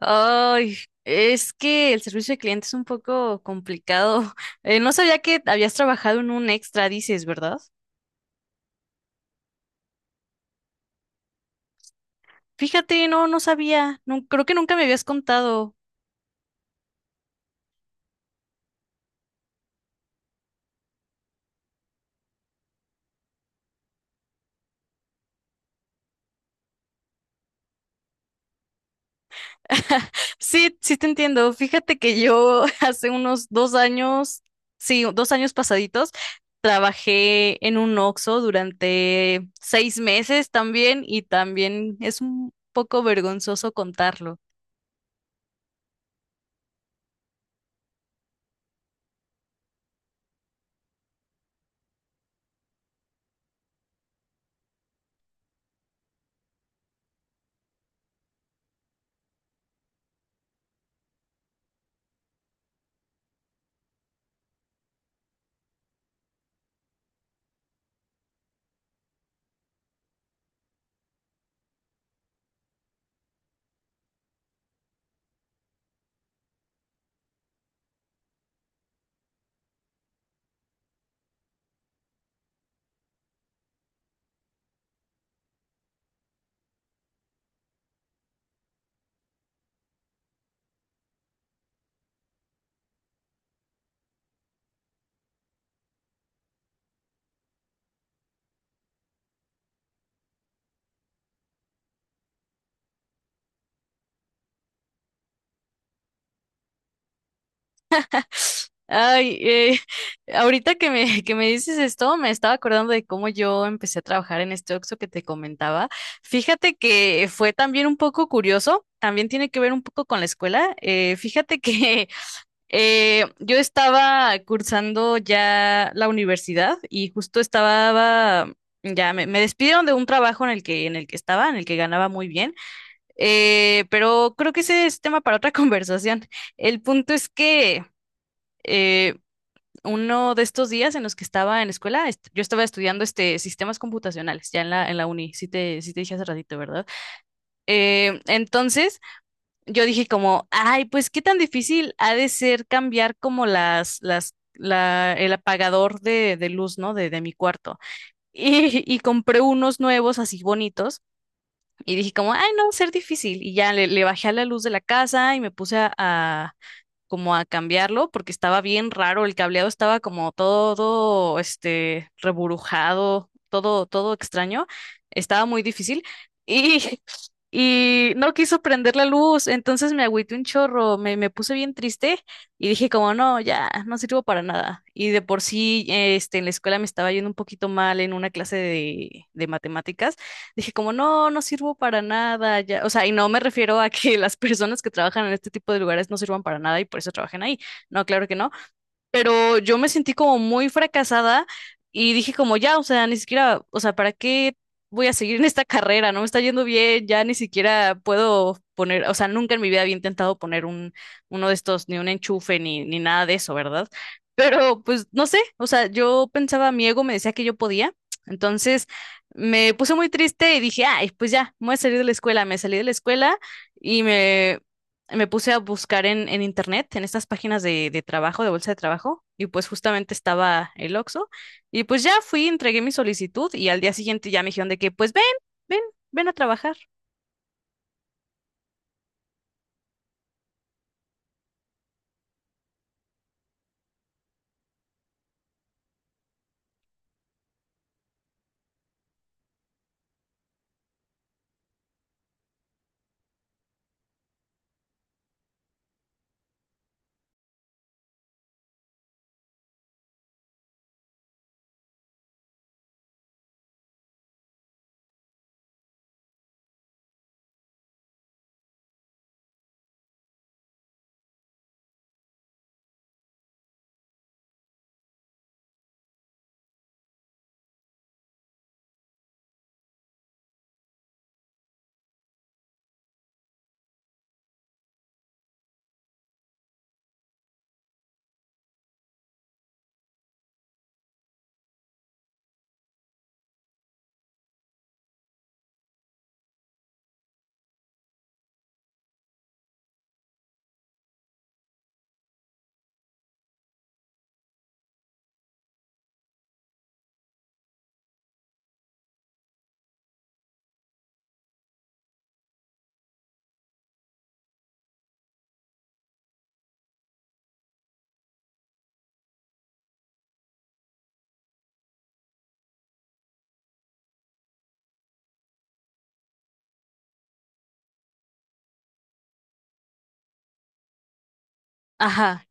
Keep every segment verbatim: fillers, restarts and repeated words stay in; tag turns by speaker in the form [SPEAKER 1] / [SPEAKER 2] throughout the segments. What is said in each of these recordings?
[SPEAKER 1] Ay, es que el servicio de cliente es un poco complicado. Eh, no sabía que habías trabajado en un extra, dices, ¿verdad? Fíjate, no, no sabía. No, creo que nunca me habías contado. Sí, sí te entiendo. Fíjate que yo hace unos dos años, sí, dos años pasaditos, trabajé en un Oxxo durante seis meses también y también es un poco vergonzoso contarlo. Ay, eh, ahorita que me, que me dices esto, me estaba acordando de cómo yo empecé a trabajar en este Oxxo que te comentaba. Fíjate que fue también un poco curioso, también tiene que ver un poco con la escuela. Eh, fíjate que eh, yo estaba cursando ya la universidad y justo estaba, ya me, me despidieron de un trabajo en el que, en el que estaba, en el que ganaba muy bien. Eh, pero creo que ese es tema para otra conversación. El punto es que... eh, uno de estos días en los que estaba en la escuela, est- yo estaba estudiando este, sistemas computacionales, ya en la, en la uni, sí te, sí te dije hace ratito, ¿verdad? Eh, entonces, yo dije como, ay, pues qué tan difícil ha de ser cambiar como las, las, la, el apagador de, de luz, ¿no? De, de mi cuarto. Y, y compré unos nuevos así bonitos y dije como, ay, no, va a ser difícil. Y ya le, le bajé a la luz de la casa y me puse a, a como a cambiarlo porque estaba bien raro, el cableado estaba como todo, este, reburujado, todo, todo extraño, estaba muy difícil y y no quiso prender la luz, entonces me agüité un chorro, me, me puse bien triste y dije como no, ya, no sirvo para nada. Y de por sí, este, en la escuela me estaba yendo un poquito mal en una clase de, de matemáticas, dije como, no, no sirvo para nada, ya, o sea, y no me refiero a que las personas que trabajan en este tipo de lugares no sirvan para nada y por eso trabajen ahí, no, claro que no, pero yo me sentí como muy fracasada y dije como ya, o sea, ni siquiera, o sea, ¿para qué voy a seguir en esta carrera? No me está yendo bien, ya ni siquiera puedo poner, o sea, nunca en mi vida había intentado poner un, uno de estos, ni un enchufe, ni, ni nada de eso, ¿verdad? Pero pues no sé, o sea, yo pensaba, mi ego me decía que yo podía, entonces me puse muy triste y dije, ay, pues ya, me voy a salir de la escuela, me salí de la escuela y me, me puse a buscar en, en internet, en estas páginas de, de trabajo, de bolsa de trabajo, y pues justamente estaba el Oxxo, y pues ya fui, entregué mi solicitud, y al día siguiente ya me dijeron de que, pues ven, ven, ven a trabajar. Ajá,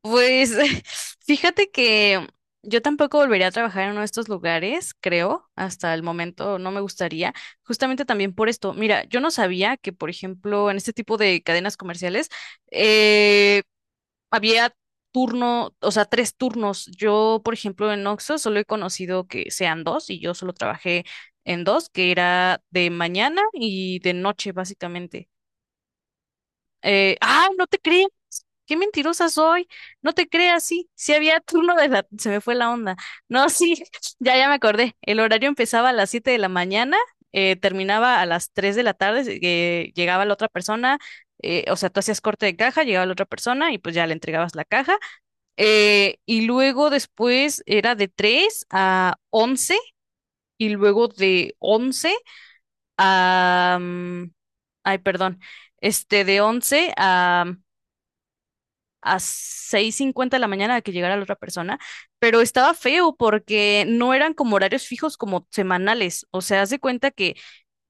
[SPEAKER 1] pues fíjate que yo tampoco volvería a trabajar en uno de estos lugares, creo, hasta el momento no me gustaría, justamente también por esto. Mira, yo no sabía que, por ejemplo, en este tipo de cadenas comerciales, eh, había turno, o sea, tres turnos. Yo, por ejemplo, en Oxxo solo he conocido que sean dos y yo solo trabajé en dos, que era de mañana y de noche, básicamente. Eh, ah, no te creas, qué mentirosa soy. No te creas, sí, sí había turno de la, se me fue la onda. No, sí, ya, ya me acordé. El horario empezaba a las siete de la mañana, eh, terminaba a las tres de la tarde, eh, llegaba la otra persona. Eh, o sea, tú hacías corte de caja, llegaba la otra persona y pues ya le entregabas la caja, eh, y luego después era de tres a once y luego de once a... mm, ay, perdón. Este, de once a, mm, a seis cincuenta de la mañana a que llegara la otra persona. Pero estaba feo porque no eran como horarios fijos como semanales. O sea, haz de cuenta que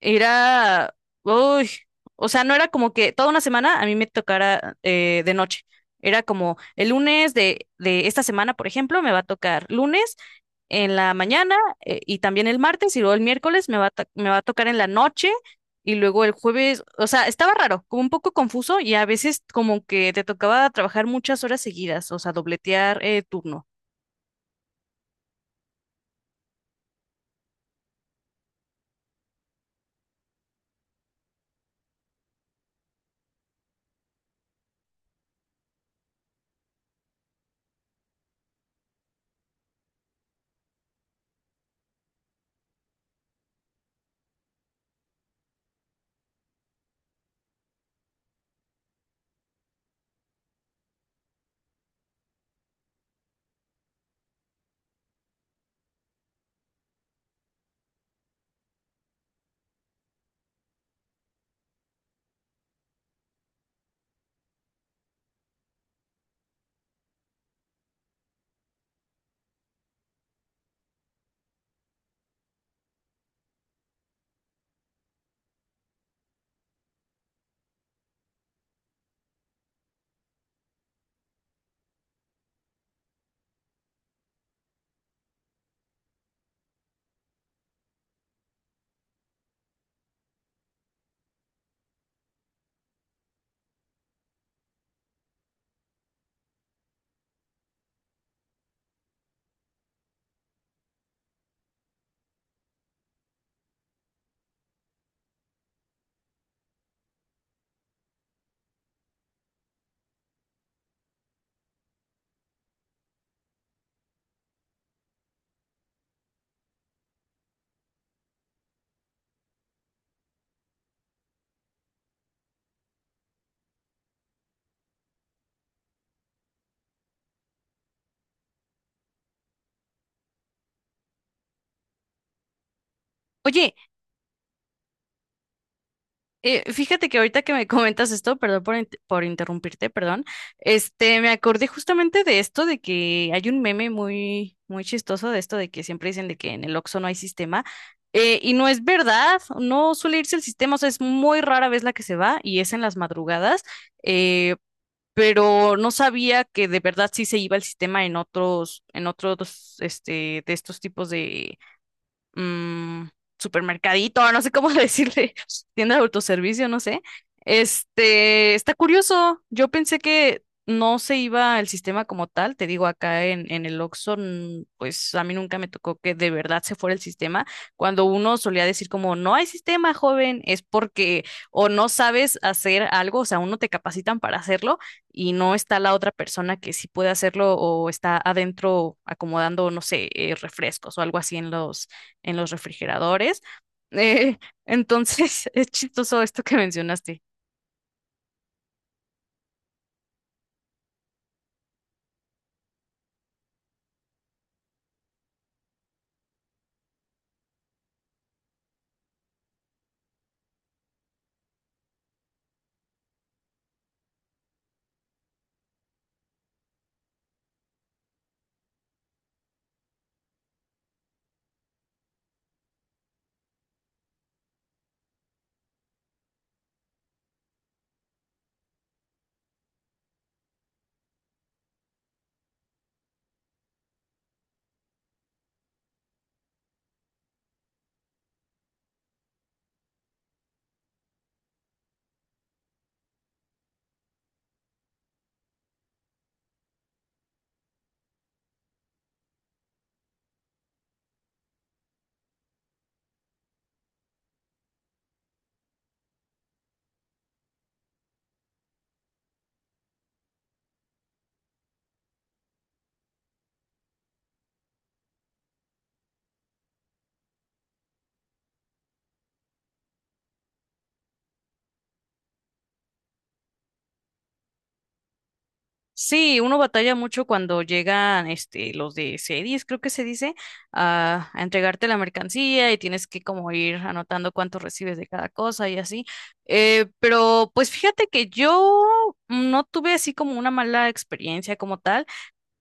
[SPEAKER 1] era, uy, o sea, no era como que toda una semana a mí me tocara eh, de noche. Era como el lunes de, de esta semana, por ejemplo, me va a tocar lunes en la mañana, eh, y también el martes y luego el miércoles me va a, to- me va a tocar en la noche y luego el jueves, o sea, estaba raro, como un poco confuso y a veces como que te tocaba trabajar muchas horas seguidas, o sea, dobletear eh, turno. Oye, Eh, fíjate que ahorita que me comentas esto, perdón por, int- por interrumpirte, perdón, este, me acordé justamente de esto, de que hay un meme muy, muy chistoso de esto, de que siempre dicen de que en el Oxxo no hay sistema, eh, y no es verdad, no suele irse el sistema, o sea, es muy rara vez la que se va, y es en las madrugadas, eh, pero no sabía que de verdad sí se iba el sistema en otros, en otros, este, de estos tipos, mm, supermercadito, no sé cómo decirle, tienda de autoservicio, no sé. Este, está curioso. Yo pensé que no se iba el sistema como tal. Te digo, acá en, en el Oxxo, mm, pues a mí nunca me tocó que de verdad se fuera el sistema. Cuando uno solía decir como, no hay sistema, joven, es porque o no sabes hacer algo, o sea, uno te capacitan para hacerlo y no está la otra persona que sí puede hacerlo o está adentro acomodando, no sé, eh, refrescos o algo así en los en los refrigeradores. Eh, entonces, es chistoso esto que mencionaste. Sí, uno batalla mucho cuando llegan este, los de series, creo que se dice, a, a entregarte la mercancía y tienes que como ir anotando cuánto recibes de cada cosa y así. Eh, pero pues fíjate que yo no tuve así como una mala experiencia como tal.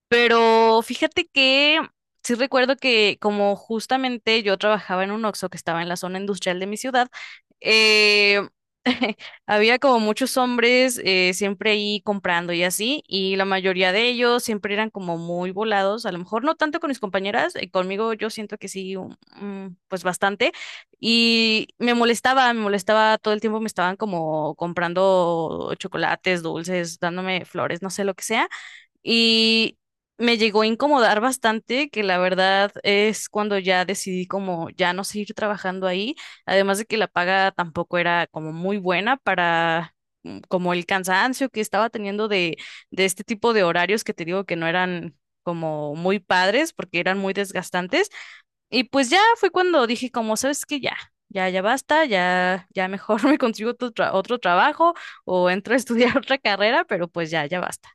[SPEAKER 1] Pero fíjate que sí recuerdo que como justamente yo trabajaba en un Oxxo que estaba en la zona industrial de mi ciudad, eh, había como muchos hombres, eh, siempre ahí comprando y así, y la mayoría de ellos siempre eran como muy volados, a lo mejor no tanto con mis compañeras, eh, conmigo yo siento que sí, un- un, pues bastante, y me molestaba, me molestaba todo el tiempo, me estaban como comprando chocolates, dulces, dándome flores, no sé lo que sea. Y me llegó a incomodar bastante, que la verdad es cuando ya decidí como ya no seguir trabajando ahí, además de que la paga tampoco era como muy buena para mm, como el cansancio que estaba teniendo de, de este tipo de horarios que te digo que no eran como muy padres porque eran muy desgastantes. Y pues ya fue cuando dije como, ¿sabes qué? Ya. Ya, ya basta, ya, ya mejor me consigo otro, tra- otro trabajo o entro a estudiar otra carrera, pero pues ya, ya basta.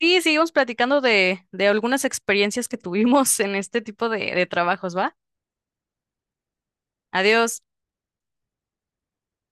[SPEAKER 1] Sí, seguimos platicando de, de algunas experiencias que tuvimos en este tipo de, de trabajos, ¿va? Adiós.